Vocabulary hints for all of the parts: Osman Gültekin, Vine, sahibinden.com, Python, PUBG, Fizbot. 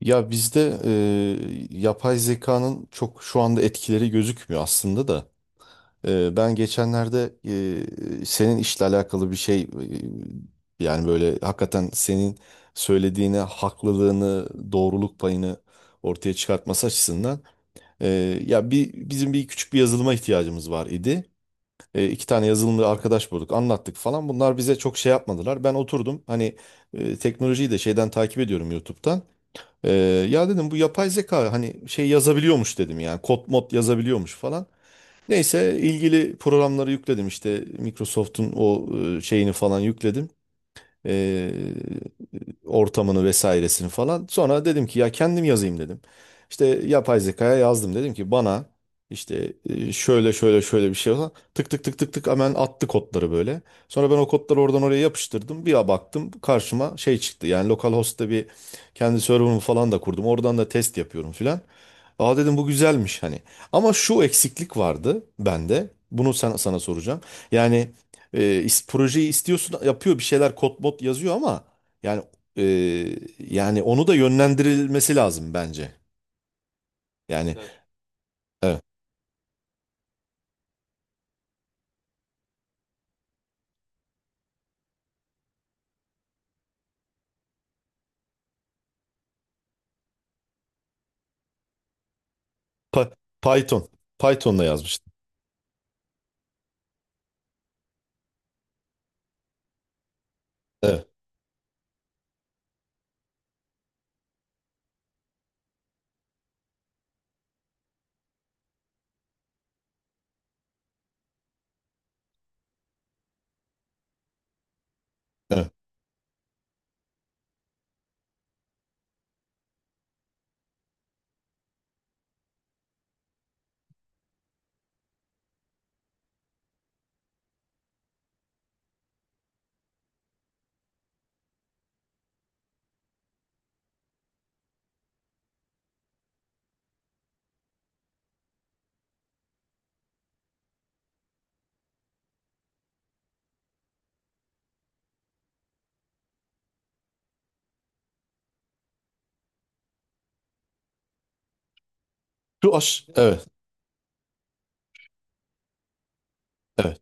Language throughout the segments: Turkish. Ya bizde yapay zekanın çok şu anda etkileri gözükmüyor aslında da. Ben geçenlerde senin işle alakalı bir şey yani böyle hakikaten senin söylediğine haklılığını, doğruluk payını ortaya çıkartması açısından e, ya bir bizim bir küçük bir yazılıma ihtiyacımız var idi. İki tane yazılımcı arkadaş bulduk, anlattık falan. Bunlar bize çok şey yapmadılar. Ben oturdum hani teknolojiyi de şeyden takip ediyorum YouTube'dan. Ee, Ya dedim bu yapay zeka hani şey yazabiliyormuş dedim yani kod mod yazabiliyormuş falan. Neyse ilgili programları yükledim işte Microsoft'un o şeyini falan yükledim. Ee, Ortamını vesairesini falan. Sonra dedim ki ya kendim yazayım dedim. İşte yapay zekaya yazdım dedim ki bana işte şöyle şöyle şöyle bir şey olsa tık tık tık tık tık hemen attı kodları böyle. Sonra ben o kodları oradan oraya yapıştırdım. Bir baktım karşıma şey çıktı. Yani localhost'ta bir kendi server'ımı falan da kurdum. Oradan da test yapıyorum filan. Aa dedim bu güzelmiş hani. Ama şu eksiklik vardı bende. Bunu sana soracağım. Yani projeyi istiyorsun yapıyor bir şeyler kod mod yazıyor ama yani yani onu da yönlendirilmesi lazım bence. Yani evet. Evet. Pa- Python. Python'la yazmıştım. Evet. Evet. Şu aş evet. Evet.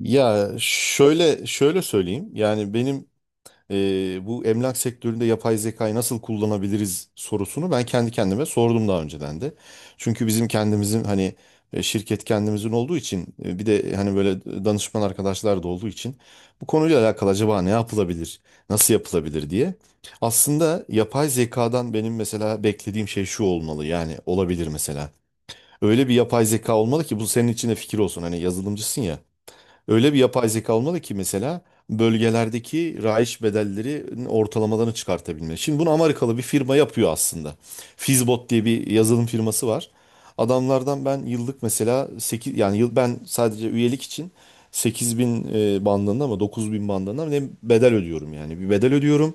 Ya şöyle şöyle söyleyeyim. Yani benim bu emlak sektöründe yapay zekayı nasıl kullanabiliriz sorusunu ben kendi kendime sordum daha önceden de. Çünkü bizim kendimizin hani şirket kendimizin olduğu için bir de hani böyle danışman arkadaşlar da olduğu için bu konuyla alakalı acaba ne yapılabilir, nasıl yapılabilir diye. Aslında yapay zekadan benim mesela beklediğim şey şu olmalı yani olabilir mesela. Öyle bir yapay zeka olmalı ki bu senin için de fikir olsun. Hani yazılımcısın ya. Öyle bir yapay zeka olmalı ki mesela bölgelerdeki rayiç bedellerinin ortalamalarını çıkartabilme. Şimdi bunu Amerikalı bir firma yapıyor aslında. Fizbot diye bir yazılım firması var. Adamlardan ben yıllık mesela 8 yani yıl ben sadece üyelik için 8.000 bandında ama 9.000 bandında mı ne bedel ödüyorum yani. Bir bedel ödüyorum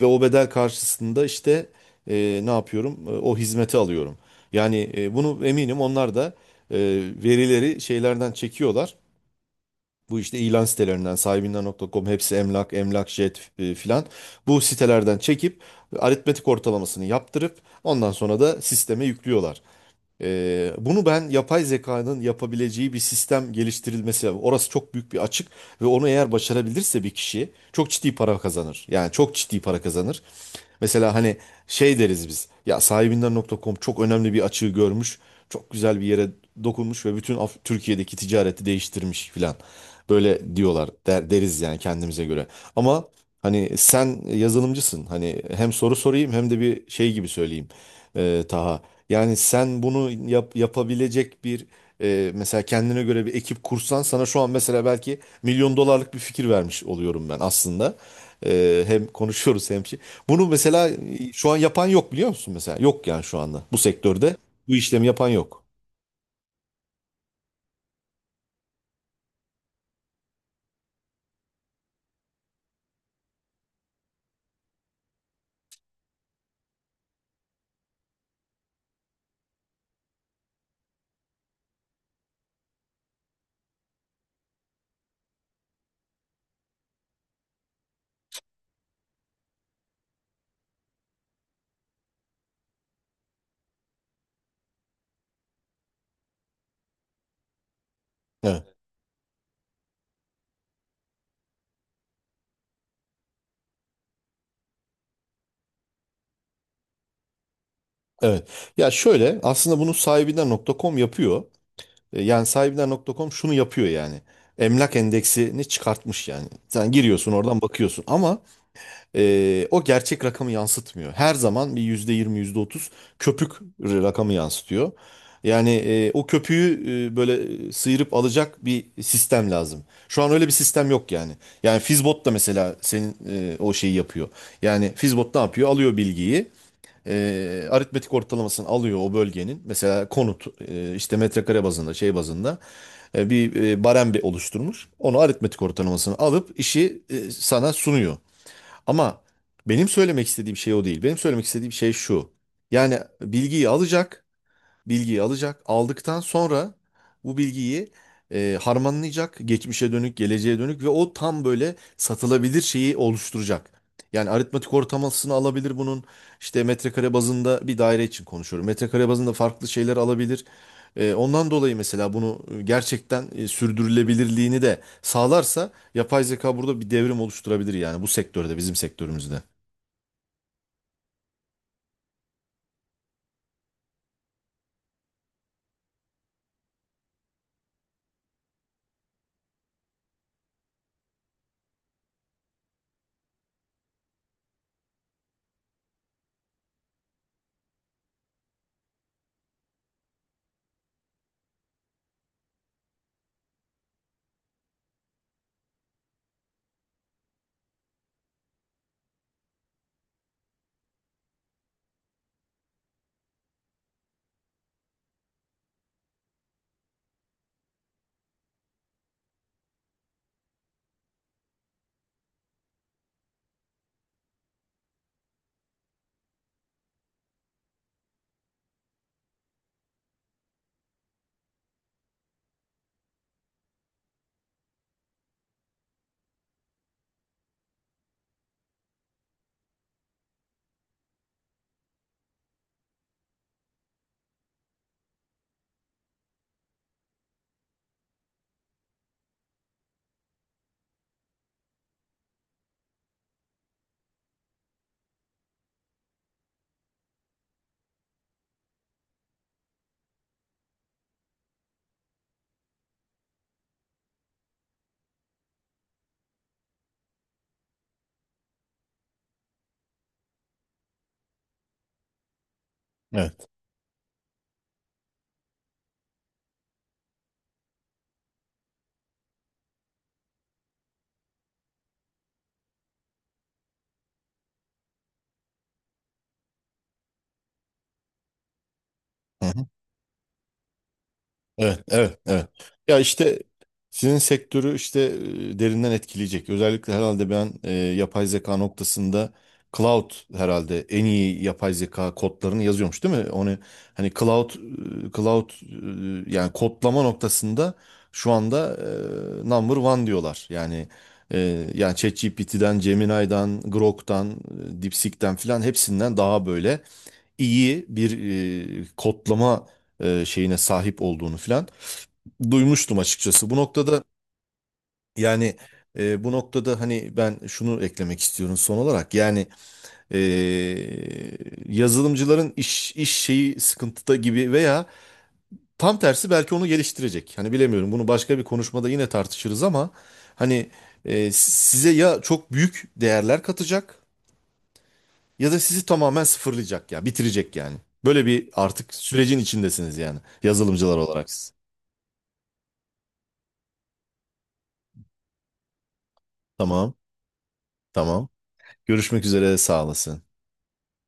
ve o bedel karşısında işte ne yapıyorum? O hizmeti alıyorum. Yani bunu eminim onlar da e, verileri şeylerden çekiyorlar. Bu işte ilan sitelerinden, sahibinden.com, hepsi emlak, emlakjet filan. Bu sitelerden çekip aritmetik ortalamasını yaptırıp ondan sonra da sisteme yüklüyorlar. Bunu ben yapay zekanın yapabileceği bir sistem geliştirilmesi lazım. Orası çok büyük bir açık ve onu eğer başarabilirse bir kişi çok ciddi para kazanır. Yani çok ciddi para kazanır. Mesela hani şey deriz biz. Ya sahibinden.com çok önemli bir açığı görmüş. Çok güzel bir yere dokunmuş ve bütün Türkiye'deki ticareti değiştirmiş filan. Böyle diyorlar deriz yani kendimize göre. Ama hani sen yazılımcısın. Hani hem soru sorayım hem de bir şey gibi söyleyeyim. Taha. Yani sen bunu yapabilecek bir mesela kendine göre bir ekip kursan sana şu an mesela belki milyon dolarlık bir fikir vermiş oluyorum ben aslında. Hem konuşuyoruz hem şey. Bunu mesela şu an yapan yok biliyor musun mesela? Yok yani şu anda bu sektörde bu işlemi yapan yok. Evet. Evet. Ya şöyle aslında bunu sahibinden.com yapıyor. Yani sahibinden.com şunu yapıyor yani. Emlak endeksini çıkartmış yani. Sen giriyorsun oradan bakıyorsun ama o gerçek rakamı yansıtmıyor. Her zaman bir %20 yüzde otuz köpük rakamı yansıtıyor. Yani o köpüğü böyle sıyırıp alacak bir sistem lazım. Şu an öyle bir sistem yok yani. Yani Fizbot da mesela senin o şeyi yapıyor. Yani Fizbot ne yapıyor? Alıyor bilgiyi. e, Aritmetik ortalamasını alıyor o bölgenin. Mesela konut işte metrekare bazında şey bazında bir barem bir oluşturmuş. Onu aritmetik ortalamasını alıp işi sana sunuyor. Ama benim söylemek istediğim şey o değil. Benim söylemek istediğim şey şu. Yani bilgiyi alacak bilgiyi alacak. Aldıktan sonra bu bilgiyi harmanlayacak. Geçmişe dönük, geleceğe dönük ve o tam böyle satılabilir şeyi oluşturacak. Yani aritmetik ortalamasını alabilir bunun. İşte metrekare bazında bir daire için konuşuyorum. Metrekare bazında farklı şeyler alabilir. Ondan dolayı mesela bunu gerçekten sürdürülebilirliğini de sağlarsa yapay zeka burada bir devrim oluşturabilir yani bu sektörde, bizim sektörümüzde. Evet. Evet, evet, evet. Ya işte sizin sektörü işte derinden etkileyecek. Özellikle herhalde ben yapay zeka noktasında cloud herhalde en iyi yapay zeka kodlarını yazıyormuş değil mi? Onu hani cloud yani kodlama noktasında şu anda number one diyorlar. Yani yani ChatGPT'den, Gemini'den, Grok'tan, DeepSeek'ten filan hepsinden daha böyle iyi bir kodlama şeyine sahip olduğunu filan duymuştum açıkçası. Bu noktada yani bu noktada hani ben şunu eklemek istiyorum son olarak. Yani e, yazılımcıların iş şeyi sıkıntıda gibi veya tam tersi belki onu geliştirecek. Hani bilemiyorum. Bunu başka bir konuşmada yine tartışırız ama hani size ya çok büyük değerler katacak ya da sizi tamamen sıfırlayacak ya, bitirecek yani. Böyle bir artık sürecin içindesiniz yani yazılımcılar olarak siz. Tamam, tamam. Görüşmek üzere, sağ olasın.